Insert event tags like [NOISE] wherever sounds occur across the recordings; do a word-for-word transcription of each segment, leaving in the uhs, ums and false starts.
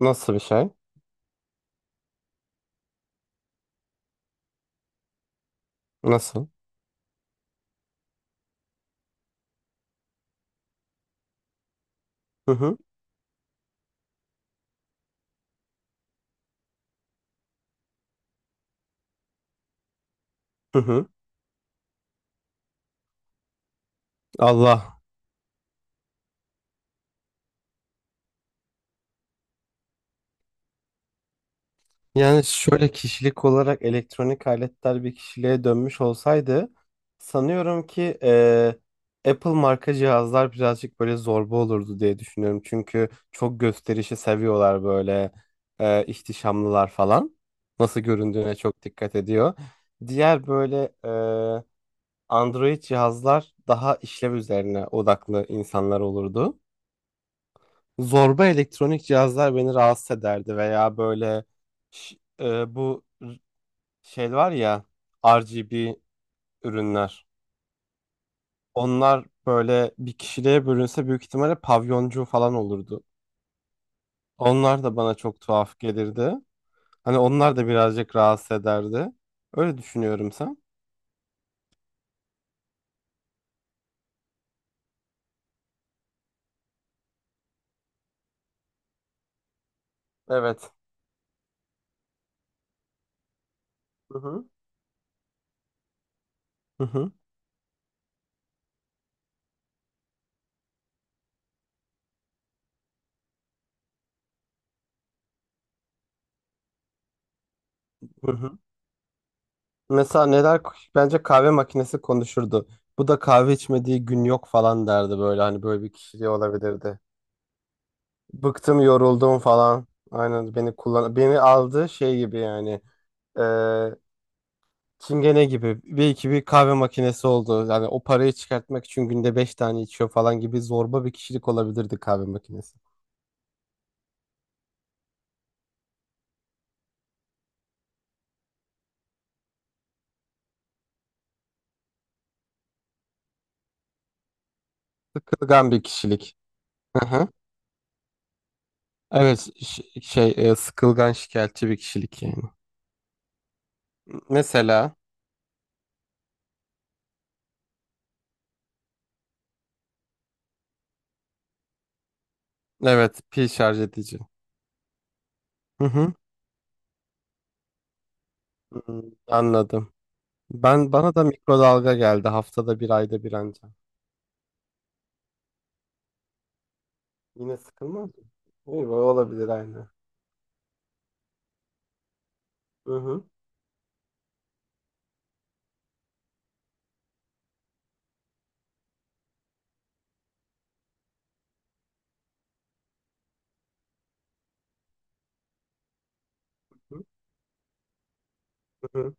Nasıl bir şey? Nasıl? Hı hı. Hı hı. Allah. Yani şöyle kişilik olarak elektronik aletler bir kişiliğe dönmüş olsaydı sanıyorum ki eee, Apple marka cihazlar birazcık böyle zorba olurdu diye düşünüyorum. Çünkü çok gösterişi seviyorlar böyle eee ihtişamlılar falan. Nasıl göründüğüne çok dikkat ediyor. Diğer böyle eee, Android cihazlar daha işlev üzerine odaklı insanlar olurdu. Zorba elektronik cihazlar beni rahatsız ederdi veya böyle ş- e, bu r- şey var ya R G B ürünler. Onlar böyle bir kişiliğe bölünse büyük ihtimalle pavyoncu falan olurdu. Onlar da bana çok tuhaf gelirdi. Hani onlar da birazcık rahatsız ederdi. Öyle düşünüyorum sen. Evet. Hı hı. Hı hı. Hı hı. Mesela neler, bence kahve makinesi konuşurdu. Bu da kahve içmediği gün yok falan derdi böyle, hani böyle bir kişiliği olabilirdi. Bıktım, yoruldum falan. Aynen beni kullan, beni aldı şey gibi yani eee çingene gibi bir iki bir kahve makinesi oldu. Yani o parayı çıkartmak için günde beş tane içiyor falan gibi zorba bir kişilik olabilirdi kahve makinesi. Sıkılgan bir kişilik. Hı hı. Evet, ş- şey e, sıkılgan şikayetçi bir kişilik yani. Mesela evet, pil şarj edici. Hı hı. Hmm, anladım. Ben, bana da mikrodalga geldi, haftada bir, ayda bir anca. Yine sıkılmaz mı? İyi, olabilir aynı. Hı hı. Hı hı.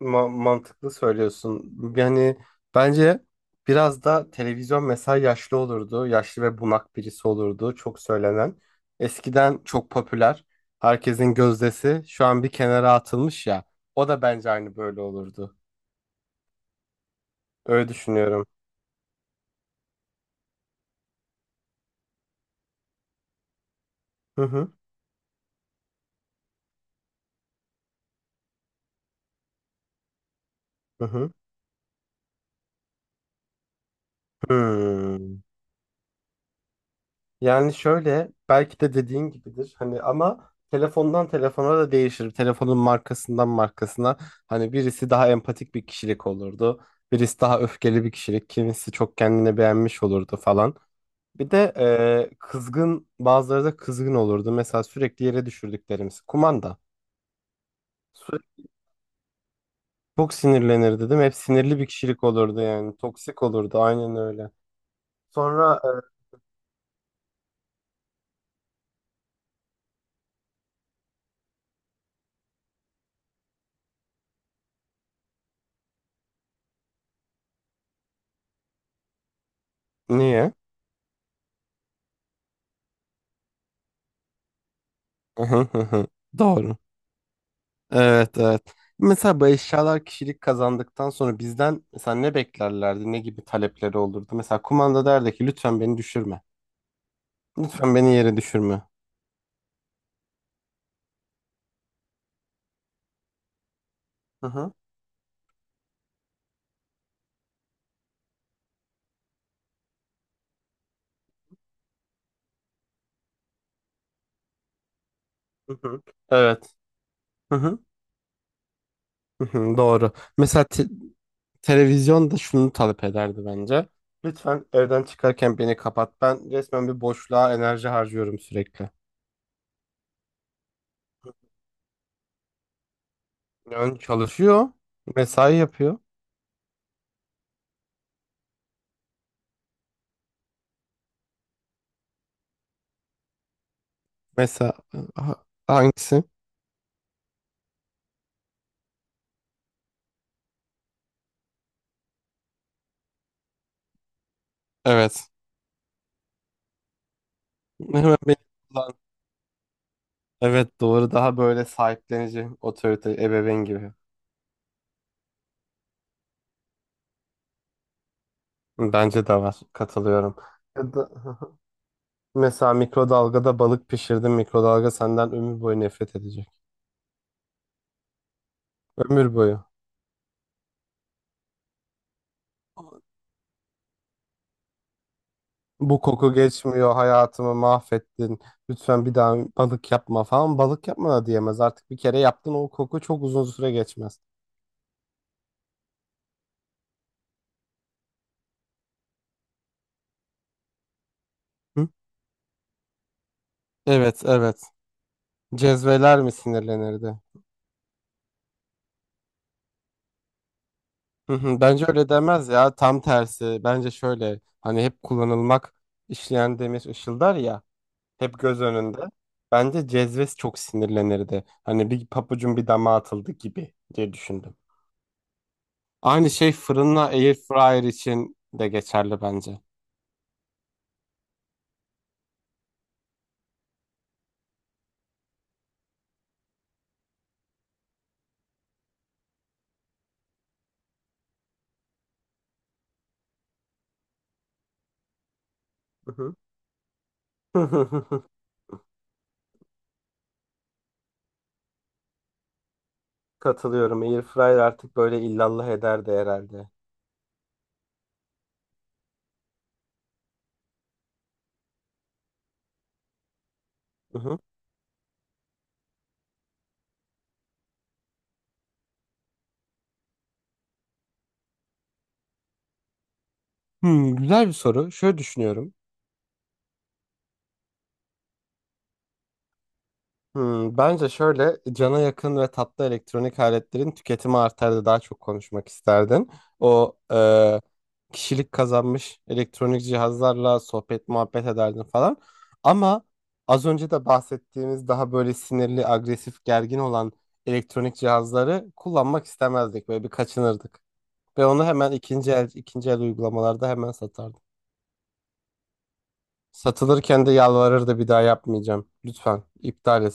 Ma- mantıklı söylüyorsun. Yani bence biraz da televizyon mesela yaşlı olurdu. Yaşlı ve bunak birisi olurdu. Çok söylenen. Eskiden çok popüler. Herkesin gözdesi şu an bir kenara atılmış ya. O da bence aynı böyle olurdu. Öyle düşünüyorum. Hı hı. Hı hı. Hmm. Yani şöyle belki de dediğin gibidir hani, ama telefondan telefona da değişir. Telefonun markasından markasına, hani birisi daha empatik bir kişilik olurdu. Birisi daha öfkeli bir kişilik. Kimisi çok kendine beğenmiş olurdu falan. Bir de e, kızgın, bazıları da kızgın olurdu. Mesela sürekli yere düşürdüklerimiz, kumanda. Sürekli çok sinirlenir dedim. Hep sinirli bir kişilik olurdu yani. Toksik olurdu aynen öyle. Sonra e, niye? [LAUGHS] Doğru. Evet, evet. Mesela bu eşyalar kişilik kazandıktan sonra bizden mesela ne beklerlerdi? Ne gibi talepleri olurdu? Mesela kumanda derdi ki lütfen beni düşürme. Lütfen beni yere düşürme. Hı hı. Hı hı. Evet. Hı hı. Hı hı. Doğru. Mesela te televizyon da şunu talep ederdi bence. Lütfen evden çıkarken beni kapat. Ben resmen bir boşluğa enerji harcıyorum sürekli. Yani çalışıyor. Mesai yapıyor. Mesela e, ha- hangisi? Evet. Hemen beni. Evet, doğru, daha böyle sahiplenici otorite ebeveyn gibi. Bence de var, katılıyorum. Ya da- [LAUGHS] Mesela mikrodalgada balık pişirdin, mikrodalga senden ömür boyu nefret edecek. Ömür boyu. Bu koku geçmiyor, hayatımı mahvettin. Lütfen bir daha balık yapma falan. Balık yapma da diyemez artık, bir kere yaptın, o koku çok uzun süre geçmez. Hı? Evet, evet. Cezveler mi sinirlenirdi? Hı hı. Bence öyle demez ya, tam tersi, bence şöyle hani hep kullanılmak, işleyen demir ışıldar ya, hep göz önünde, bence Cezves çok sinirlenirdi, hani bir papucun bir dama atıldı gibi diye düşündüm. Aynı şey fırınla air fryer için de geçerli bence. Hı hı. [LAUGHS] Katılıyorum. Air fryer artık böyle illallah eder de herhalde. Hı hı. Hmm, güzel bir soru. Şöyle düşünüyorum. Hmm, bence şöyle, cana yakın ve tatlı elektronik aletlerin tüketimi artar da daha çok konuşmak isterdin. O e, kişilik kazanmış elektronik cihazlarla sohbet muhabbet ederdin falan. Ama az önce de bahsettiğimiz daha böyle sinirli, agresif, gergin olan elektronik cihazları kullanmak istemezdik. Böyle bir kaçınırdık. Ve onu hemen ikinci el, ikinci el uygulamalarda hemen satardım. Satılırken de yalvarırdı, bir daha yapmayacağım, lütfen iptal et.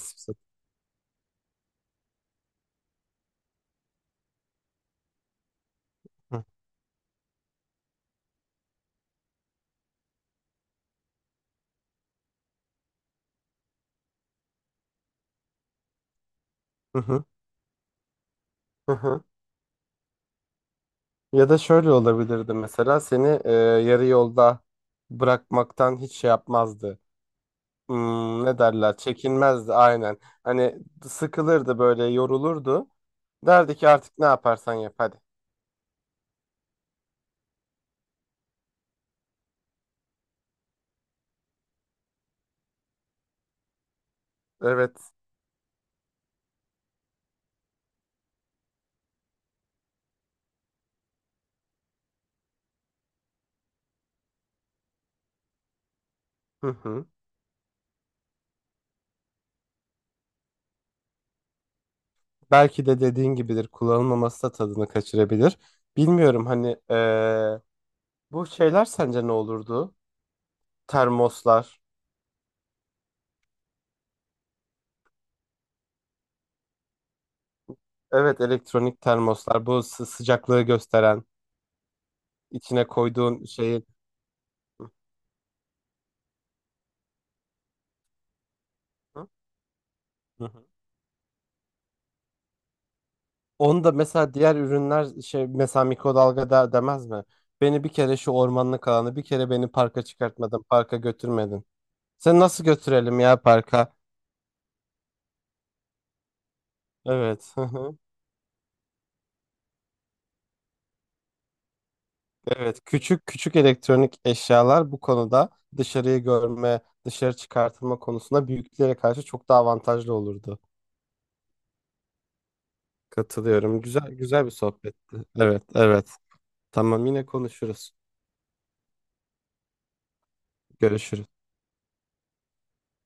Hı hı, hı hı. Ya da şöyle olabilirdi, mesela seni e, yarı yolda bırakmaktan hiç şey yapmazdı. Hmm, ne derler? Çekinmezdi aynen. Hani sıkılırdı böyle, yorulurdu. Derdi ki artık ne yaparsan yap hadi. Evet. Hı hı. Belki de dediğin gibidir, kullanılmaması da tadını kaçırabilir. Bilmiyorum, hani e, bu şeyler sence ne olurdu? Termoslar. Evet, elektronik termoslar, bu sı- sıcaklığı gösteren içine koyduğun şeyi. Hı hı. Onu da mesela diğer ürünler, şey, mesela mikrodalga der demez mi? Beni bir kere şu ormanlık alanı, bir kere beni parka çıkartmadın, parka götürmedin. Sen nasıl götürelim ya parka? Evet, hı hı. Evet, küçük küçük elektronik eşyalar bu konuda dışarıyı görme, dışarı çıkartılma konusunda büyüklere karşı çok daha avantajlı olurdu. Katılıyorum. Güzel, güzel bir sohbetti. Evet, evet. Tamam, yine konuşuruz. Görüşürüz.